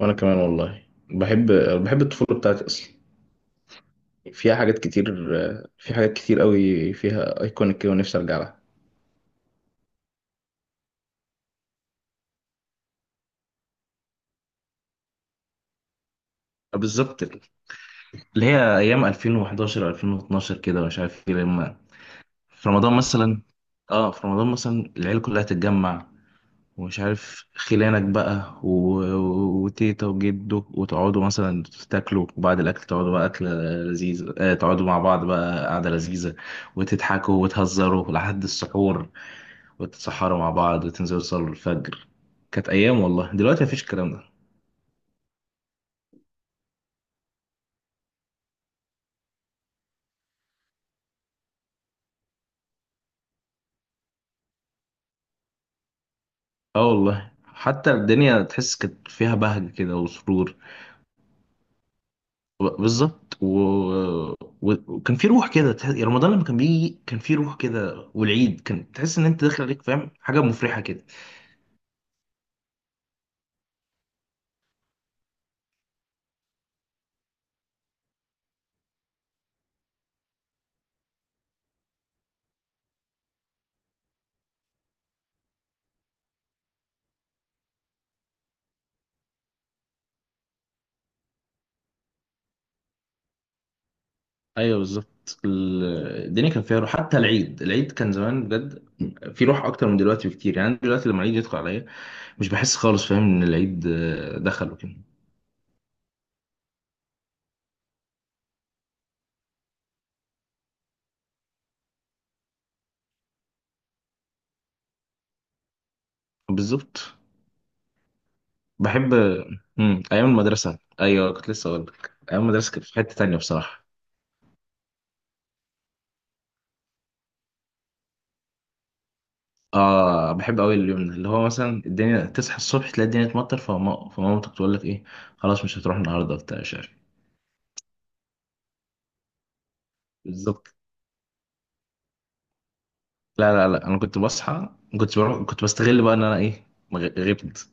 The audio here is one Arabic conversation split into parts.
وانا كمان والله. بحب بحب الطفوله بتاعتي اصلا. فيها حاجات كتير. في حاجات كتير قوي فيها ايكونيك كده، ونفسي ارجع لها. بالظبط، اللي هي ايام 2011 2012 كده، ومش عارف ايه. لما في رمضان مثلا اه في رمضان مثلا العيله كلها تتجمع، ومش عارف خلانك بقى وتيتا وجدو، وتقعدوا مثلا تاكلوا، وبعد الاكل تقعدوا بقى اكله لذيذه. تقعدوا مع بعض بقى قعده لذيذه، وتضحكوا وتهزروا لحد السحور، وتتسحروا مع بعض وتنزلوا تصلوا الفجر. كانت أيام والله، دلوقتي مفيش الكلام ده. اه والله، حتى الدنيا تحس كانت فيها بهجة كده وسرور. بالظبط. و... وكان في روح كده تحس، يعني رمضان لما كان بيجي كان في روح كده، والعيد كان تحس إن أنت داخل عليك، فاهم، حاجة مفرحة كده. أيوه بالظبط. الدنيا كان فيها روح، حتى العيد. العيد كان زمان بجد في روح أكتر من دلوقتي بكتير. يعني أنا دلوقتي لما العيد يدخل عليا مش بحس خالص، فاهم، إن العيد دخل وكده. بالظبط. بحب. ايام المدرسه، ايوه، كنت لسه اقول لك ايام المدرسه كانت في حته تانية بصراحه. اه بحب قوي اليوم ده، اللي هو مثلا الدنيا تصحى الصبح تلاقي الدنيا تمطر، فمامتك تقول لك ايه، خلاص مش هتروح النهارده بتاع مش عارف. بالظبط. لا لا لا، انا كنت بصحى، كنت بروح، كنت بستغل بقى ان انا ايه، غبت.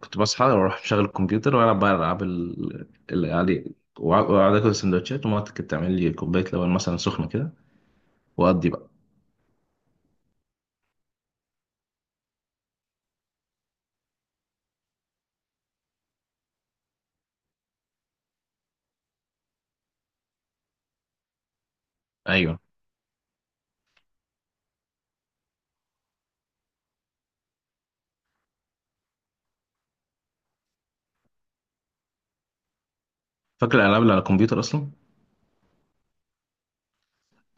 كنت بصحى واروح مشغل الكمبيوتر، والعب بقى العاب اللي عليه. واقعد اكل سندوتشات، ومامتي كانت تعمل لي كوبايه لبن مثلا سخنه كده، واقضي بقى. ايوه فاكر الالعاب اللي على الكمبيوتر اصلا.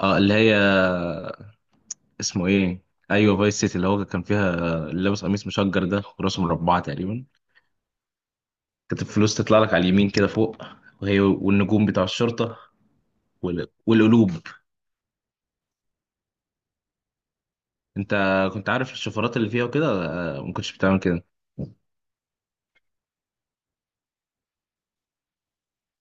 اه اللي هي، اسمه ايه؟ ايوه، فايس سيتي، اللي هو كان فيها اللي لابس قميص مشجر ده، وراسه مربعه تقريبا. كانت الفلوس تطلع لك على اليمين كده فوق، وهي والنجوم بتاع الشرطه، والقلوب. انت كنت عارف الشفرات اللي فيها وكده؟ ما كنتش بتعمل كده؟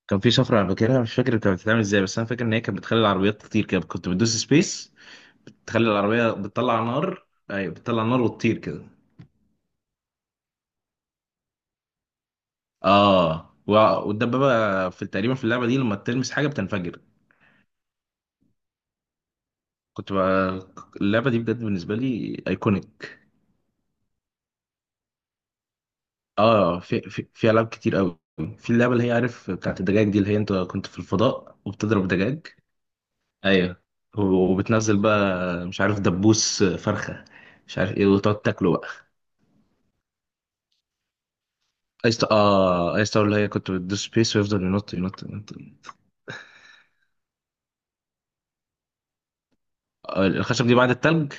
كان في شفره انا فاكرها، مش فاكر كانت بتتعمل ازاي، بس انا فاكر ان هي كانت بتخلي العربيات تطير كده، كنت بتدوس سبيس تخلي العربيه بتطلع نار. ايوه بتطلع نار وتطير كده. اه. والدبابه في، تقريبا في اللعبه دي لما تلمس حاجه بتنفجر. كنت بقى اللعبة دي بجد بالنسبة لي ايكونيك. اه في العاب كتير قوي. في اللعبة اللي هي، عارف، بتاعت الدجاج دي، اللي هي انت كنت في الفضاء وبتضرب دجاج. ايوه. وبتنزل بقى مش عارف دبوس فرخة مش عارف ايه، وتقعد تاكله بقى. ايس، اه ايس تاور، اللي هي كنت بتدوس سبيس ويفضل ينط ينط ينط. الخشب دي بعد التلج.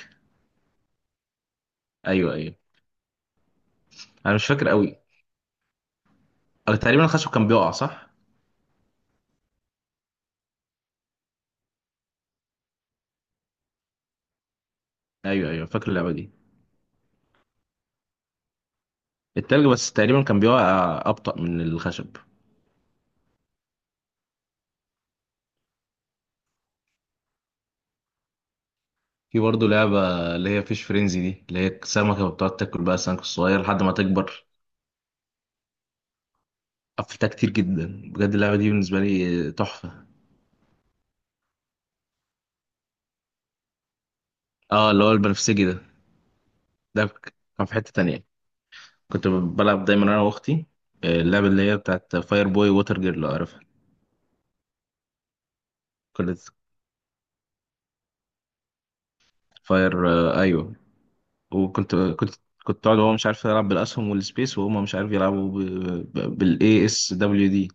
ايوه ايوه. انا مش فاكر قوي. تقريبا الخشب كان بيقع، صح. ايوه ايوه فاكر اللعبة دي. التلج بس تقريبا كان بيقع ابطأ من الخشب. في برضه لعبة اللي هي فيش فرينزي دي، اللي هي سمكة بتقعد تاكل بقى السمك الصغير لحد ما تكبر. قفلتها كتير جدا بجد، اللعبة دي بالنسبة لي تحفة. اه اللي هو البنفسجي ده. ده كان في حتة تانية، كنت بلعب دايما انا واختي. اللعبة اللي هي بتاعت فاير بوي ووتر جيرل، لو عارفها. كنت فاير ايوه. وكنت كنت اقعد، وهو مش عارف يلعب بالاسهم والسبيس، وهما مش عارف يلعبوا بالاي اس دبليو دي.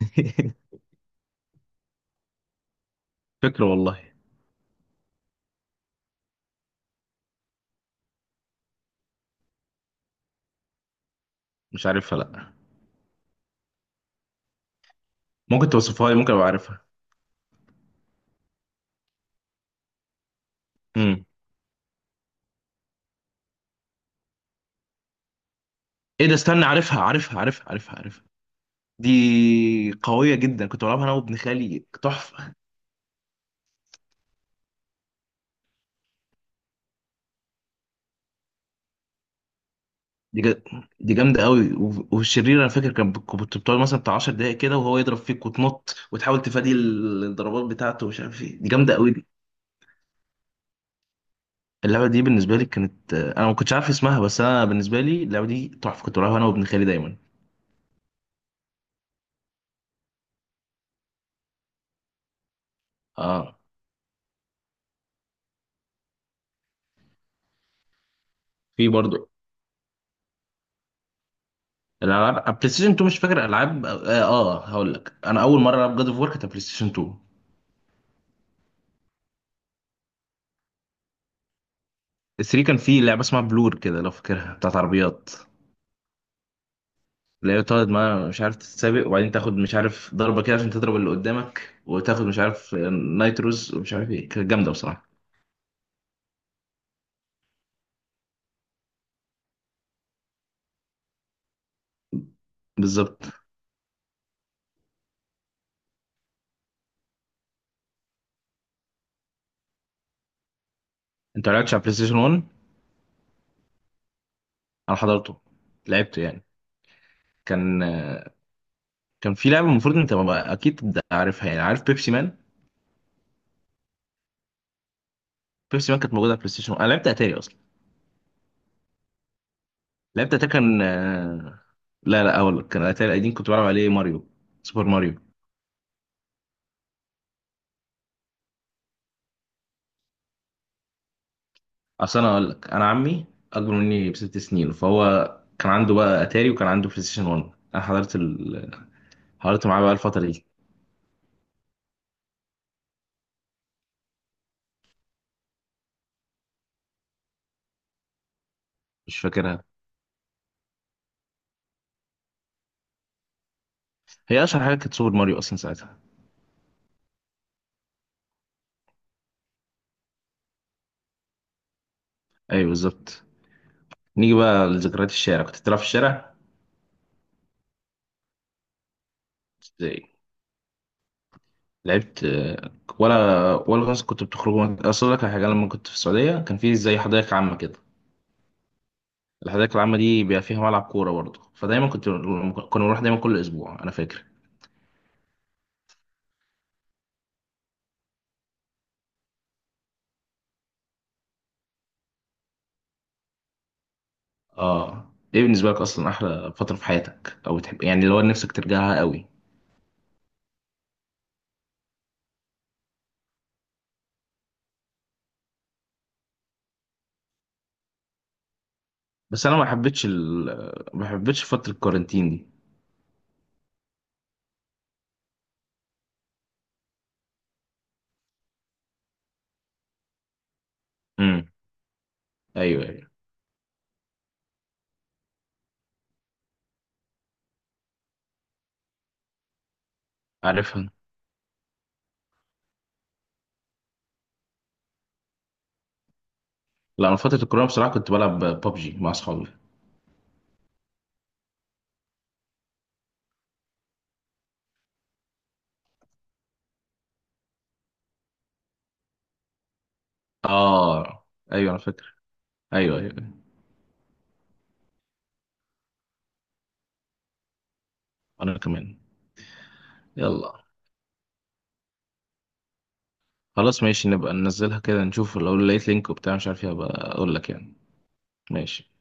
فكرة والله. مش عارفها لا. ممكن توصفها لي، ممكن ابقى عارفها. ايه ده، استنى، عارفها عارفها عارفها عارفها عارفها. دي قوية جدا، كنت بلعبها انا وابن خالي، تحفة. دي جا... دي جامدة قوي. والشرير انا فاكر كان كنت بتقعد مثلا بتاع 10 دقايق كده وهو يضرب فيك، وتنط وتحاول تفادي الضربات بتاعته ومش عارف ايه. دي جامدة قوي دي. اللعبة دي بالنسبة لي كانت، انا ما كنتش عارف اسمها، بس انا بالنسبة لي اللعبة دي تحفة، كنت بلعبها انا وابن خالي دايما. اه. في برضه الالعاب بلاي ستيشن 2 مش فاكر العاب، هقول لك انا اول مرة العب جاد اوف وور كانت على بلاي ستيشن 2. 3 كان فيه لعبة اسمها بلور كده لو فاكرها، بتاعت عربيات، اللي هي بتقعد ما مش عارف تتسابق، وبعدين تاخد مش عارف ضربة كده عشان تضرب اللي قدامك، وتاخد مش عارف نايتروز ومش عارف ايه، كانت جامدة بصراحة. بالظبط. انت ما لعبتش على بلاي ستيشن 1؟ انا حضرته، لعبته يعني. كان كان في لعبة المفروض انت، اكيد عارفها يعني، عارف بيبسي مان؟ بيبسي مان كانت موجودة على بلاي ستيشن 1، انا لعبت اتاري اصلا. لعبت اتاري كان لا لا، اقول لك كان اتاري قديم، كنت بلعب عليه ماريو، سوبر ماريو. اصل انا اقول لك، انا عمي اكبر مني بست سنين، فهو كان عنده بقى اتاري وكان عنده بلاي ستيشن 1. انا حضرت حضرت معاه بقى الفتره دي. مش فاكرها. هي اشهر حاجه كانت سوبر ماريو اصلا ساعتها. ايوه بالظبط. نيجي بقى لذكريات الشارع، كنت بتلعب في الشارع؟ إزاي؟ لعبت ولا مثلا كنت بتخرجوا؟ اصل لك على حاجه، لما كنت في السعوديه كان في زي حدائق عامه كده، الحدائق العامه دي بيبقى فيها ملعب كوره برضه، فدايما كنا بنروح دايما كل اسبوع انا فاكر. اه. ايه بالنسبه لك اصلا احلى فتره في حياتك، او تحب يعني اللي هو نفسك ترجعها قوي؟ بس انا ما حبيتش ما حبيتش فتره الكورنتين دي. امم ايوه ايوه عارفها. لا، انا فتره الكورونا بصراحه كنت بلعب ببجي مع اصحابي. اه ايوه انا فاكر. ايوه ايوه أيوة. انا كمان. يلا. خلاص ماشي، نبقى ننزلها كده، نشوف لو لقيت لينك وبتاع مش عارف ايه هبقى اقول لك يعني. ماشي.